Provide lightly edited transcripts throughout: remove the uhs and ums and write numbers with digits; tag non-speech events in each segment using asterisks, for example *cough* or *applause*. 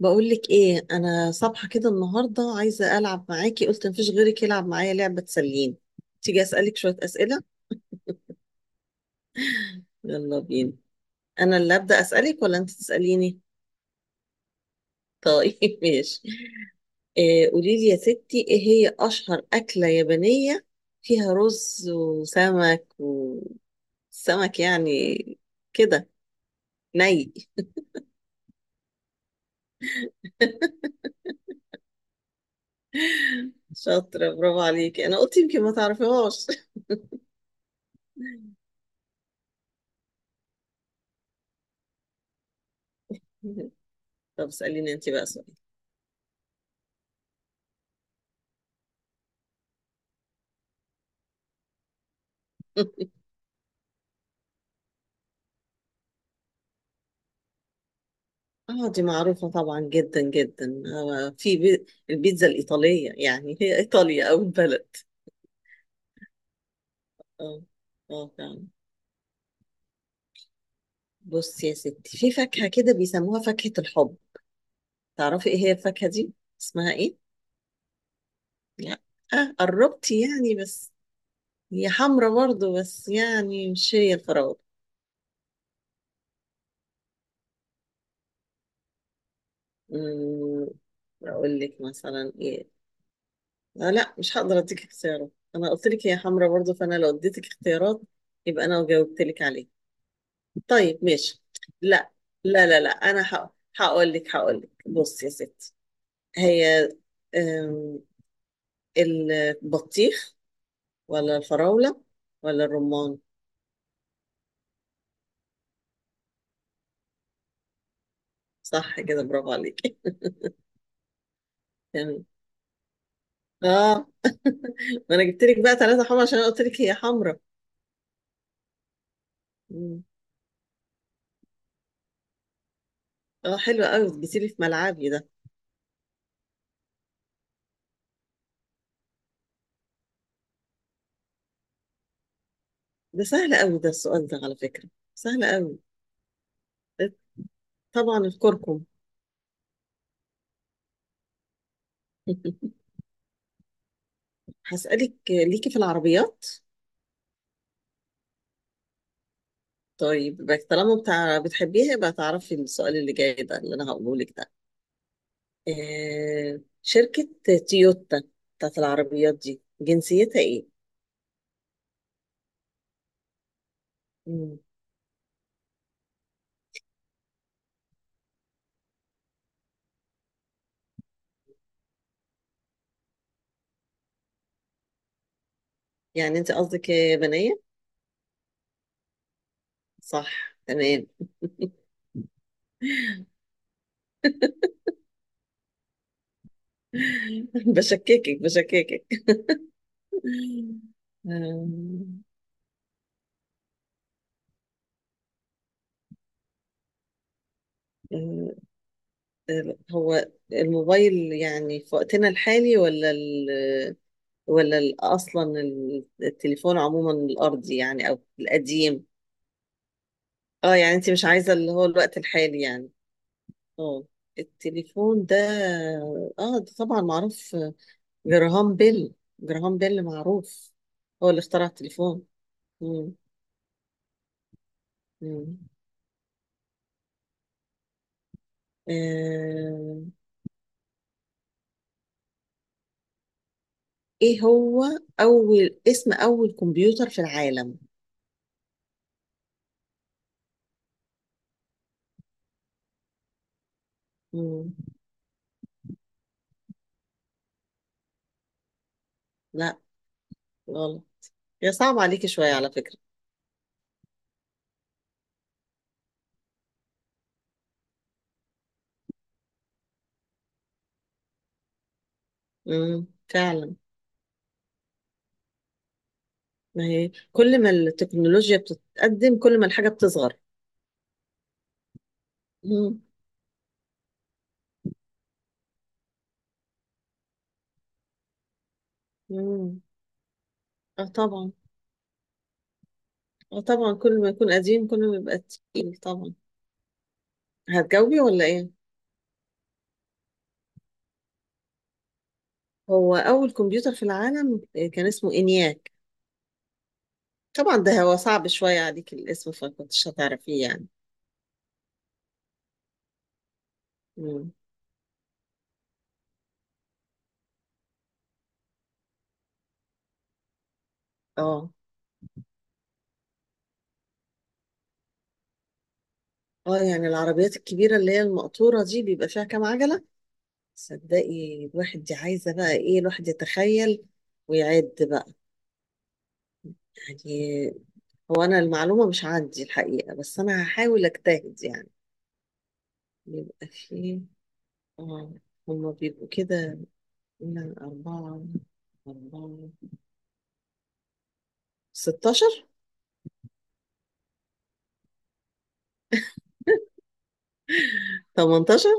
بقولك ايه، انا صبحة كده النهاردة عايزة العب معاكي. قلت مفيش غيرك يلعب معايا لعبة تسليني. تيجي اسألك شوية اسئلة. يلا بينا. انا اللي ابدأ اسألك ولا انت تسأليني؟ طيب *laughs* ماشي. إيه، قولي لي يا ستي، ايه هي اشهر اكلة يابانية؟ فيها رز وسمك، وسمك يعني كده، ني. شاطرة، برافو عليكي، انا قلت يمكن ما تعرفيهاش. *laughs* طب اسأليني انت بقى سؤال. اه دي معروفة طبعا جدا جدا، البيتزا الإيطالية، يعني هي إيطاليا أو البلد. اه، اه فعلا. بص يا ستي، في فاكهة كده بيسموها فاكهة الحب، تعرفي ايه هي الفاكهة دي؟ اسمها ايه؟ لا. آه، قربتي يعني بس، هي حمرا برضو بس يعني مش هي الفراولة. أمم، أقول لك مثلا ايه؟ لا، مش هقدر اديك اختيارات، أنا قلت لك هي حمرا برضو، فأنا لو اديتك اختيارات يبقى أنا جاوبت لك عليها. طيب ماشي. لا لا لا لا انا. هقول لك بص يا ستي، هي أم، البطيخ ولا الفراولة ولا الرمان. صح كده، برافو عليك. *laughs* تمام. اه *laughs* ما انا جبت لك بقى ثلاثة حمرا عشان انا قلت لك هي حمرا. مم. اه حلو قوي، جيتي لي في ملعبي ده. ده سهل قوي ده السؤال ده على فكرة، سهل قوي. طبعا الكركم. *laughs* هسألك ليكي في العربيات. طيب يبقى طالما بتاع بتحبيها، يبقى تعرفي السؤال اللي جاي ده اللي انا هقوله لك ده. آه، شركة تويوتا بتاعت العربيات دي جنسيتها ايه؟ مم. يعني انت قصدك يابانية؟ صح تمام. *laughs* بشككك بشككك. آم، آه، هو الموبايل يعني في وقتنا الحالي ولا ال ولا ال- اصلا التليفون عموما الارضي يعني او القديم. اه يعني انت مش عايزة اللي هو الوقت الحالي يعني. اه، التليفون ده، اه ده طبعا معروف، جراهام بيل. جراهام بيل معروف، هو اللي اخترع التليفون. مم. مم. آه. ايه هو اول كمبيوتر في العالم؟ مم. لا، غلط. هي صعب عليكي شوية على فكرة. مم. فعلا. ما هي كل ما التكنولوجيا بتتقدم كل ما الحاجة بتصغر. مم. مم. اه طبعا. اه طبعا، كل ما يكون قديم كل ما يبقى تقيل طبعا. هتجاوبي ولا ايه؟ هو اول كمبيوتر في العالم كان اسمه انياك. طبعا ده هو صعب شويه عليك الاسم، فكنتش هتعرفيه يعني. مم. اه. اه يعني العربيات الكبيره اللي هي المقطوره دي بيبقى فيها كام عجله؟ صدقي الواحد دي عايزه بقى ايه، الواحد يتخيل ويعد بقى يعني. هو انا المعلومه مش عندي الحقيقه، بس انا هحاول اجتهد يعني. بيبقى فيه، اه، هما بيبقوا كده، لا أربعة، أربعة، 16، 18.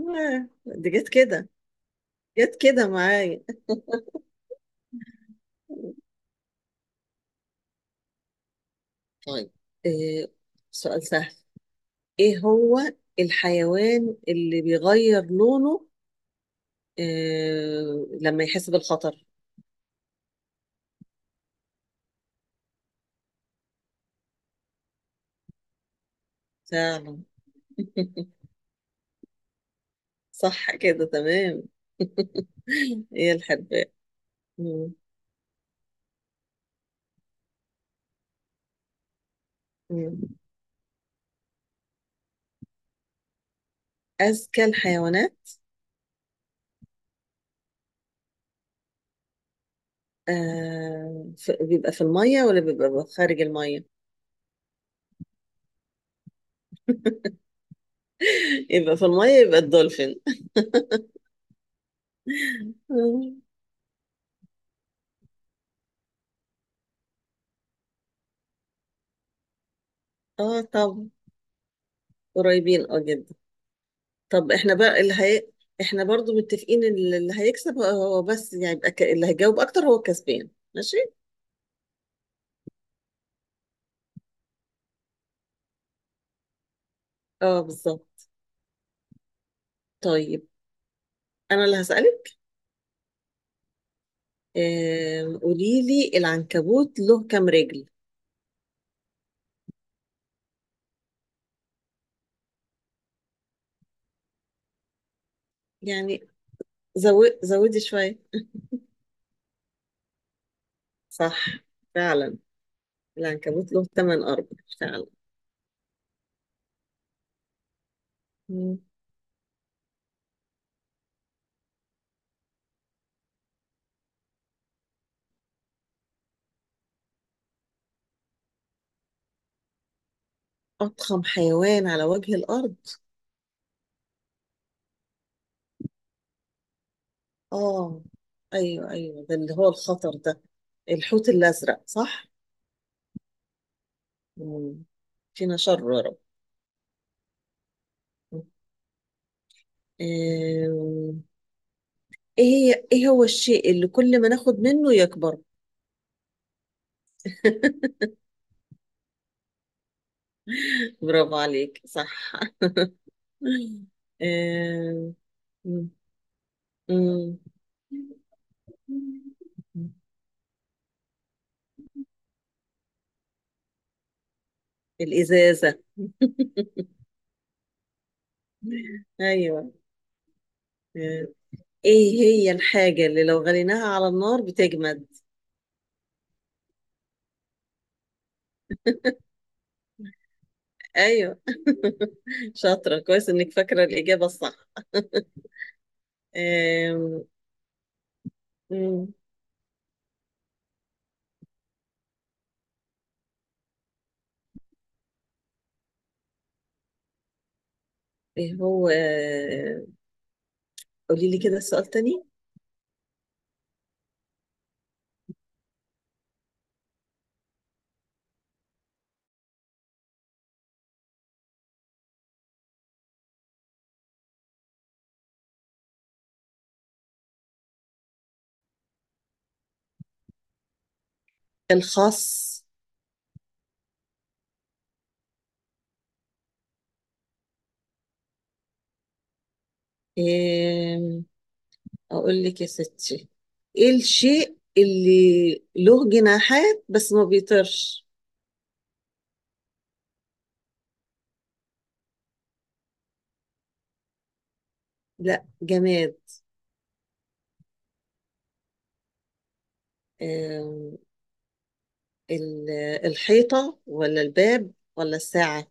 دي جت كده، جت كده معايا. طيب، آه، سؤال سهل. إيه هو الحيوان اللي بيغير لونه لما يحس بالخطر؟ فعلا. *laughs* صح كده تمام. *laughs* هي الحرباء. مم. مم. أذكى الحيوانات. بيبقى في المية ولا بيبقى خارج المية؟ *laughs* يبقى في المية، يبقى الدولفين. مم. اه طب، قريبين اه جدا. طب احنا بقى اللي هي... احنا برضو متفقين ان اللي هيكسب هو، بس يعني يبقى اللي هيجاوب اكتر هو الكسبان. ماشي. اه بالظبط. طيب انا اللي هسألك. آه... قولي لي العنكبوت له كام رجل؟ يعني زودي شوية. صح فعلا، العنكبوت له ثمان ارجل فعلا. مم. اضخم حيوان على وجه الارض. اه ايوه ايوه، ده اللي هو الخطر ده، الحوت الازرق صح. مم. فينا شر يا رب. آه، ايه ايه هو الشيء اللي كل ما ناخد منه يكبر؟ *laughs* برافو عليك، صح. آه، مم. مم. الإزازة. *laughs* ايوه. آه، ايه هي الحاجة اللي لو غليناها على النار بتجمد؟ ايوه *laughs* شاطرة، كويس انك فاكرة الإجابة الصح. آم، مم. ايه هو قولي لي كده السؤال تاني. الخاص. آم، أقول لك يا ستي، إيه الشيء اللي له جناحات بس ما بيطيرش؟ لا جماد. آم، ال- الحيطة ولا الباب ولا الساعة؟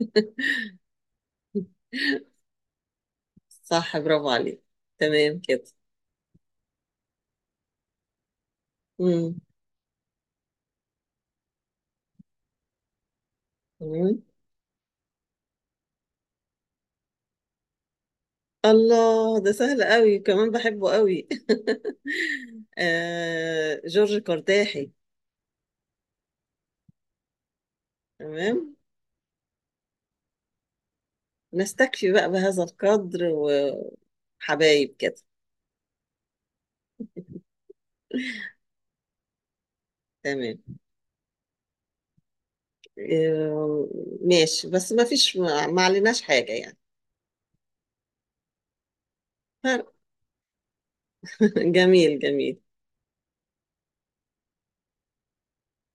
*laughs* صح، برافو عليك. تمام كده. مم. مم. الله، ده سهل قوي كمان، بحبه قوي. *laughs* آه، جورج قرداحي. تمام. نستكفي بقى بهذا القدر و... حبايب كده. تمام. آه، ماشي، بس ما فيش، ما عليناش حاجة يعني. *laughs* جميل جميل.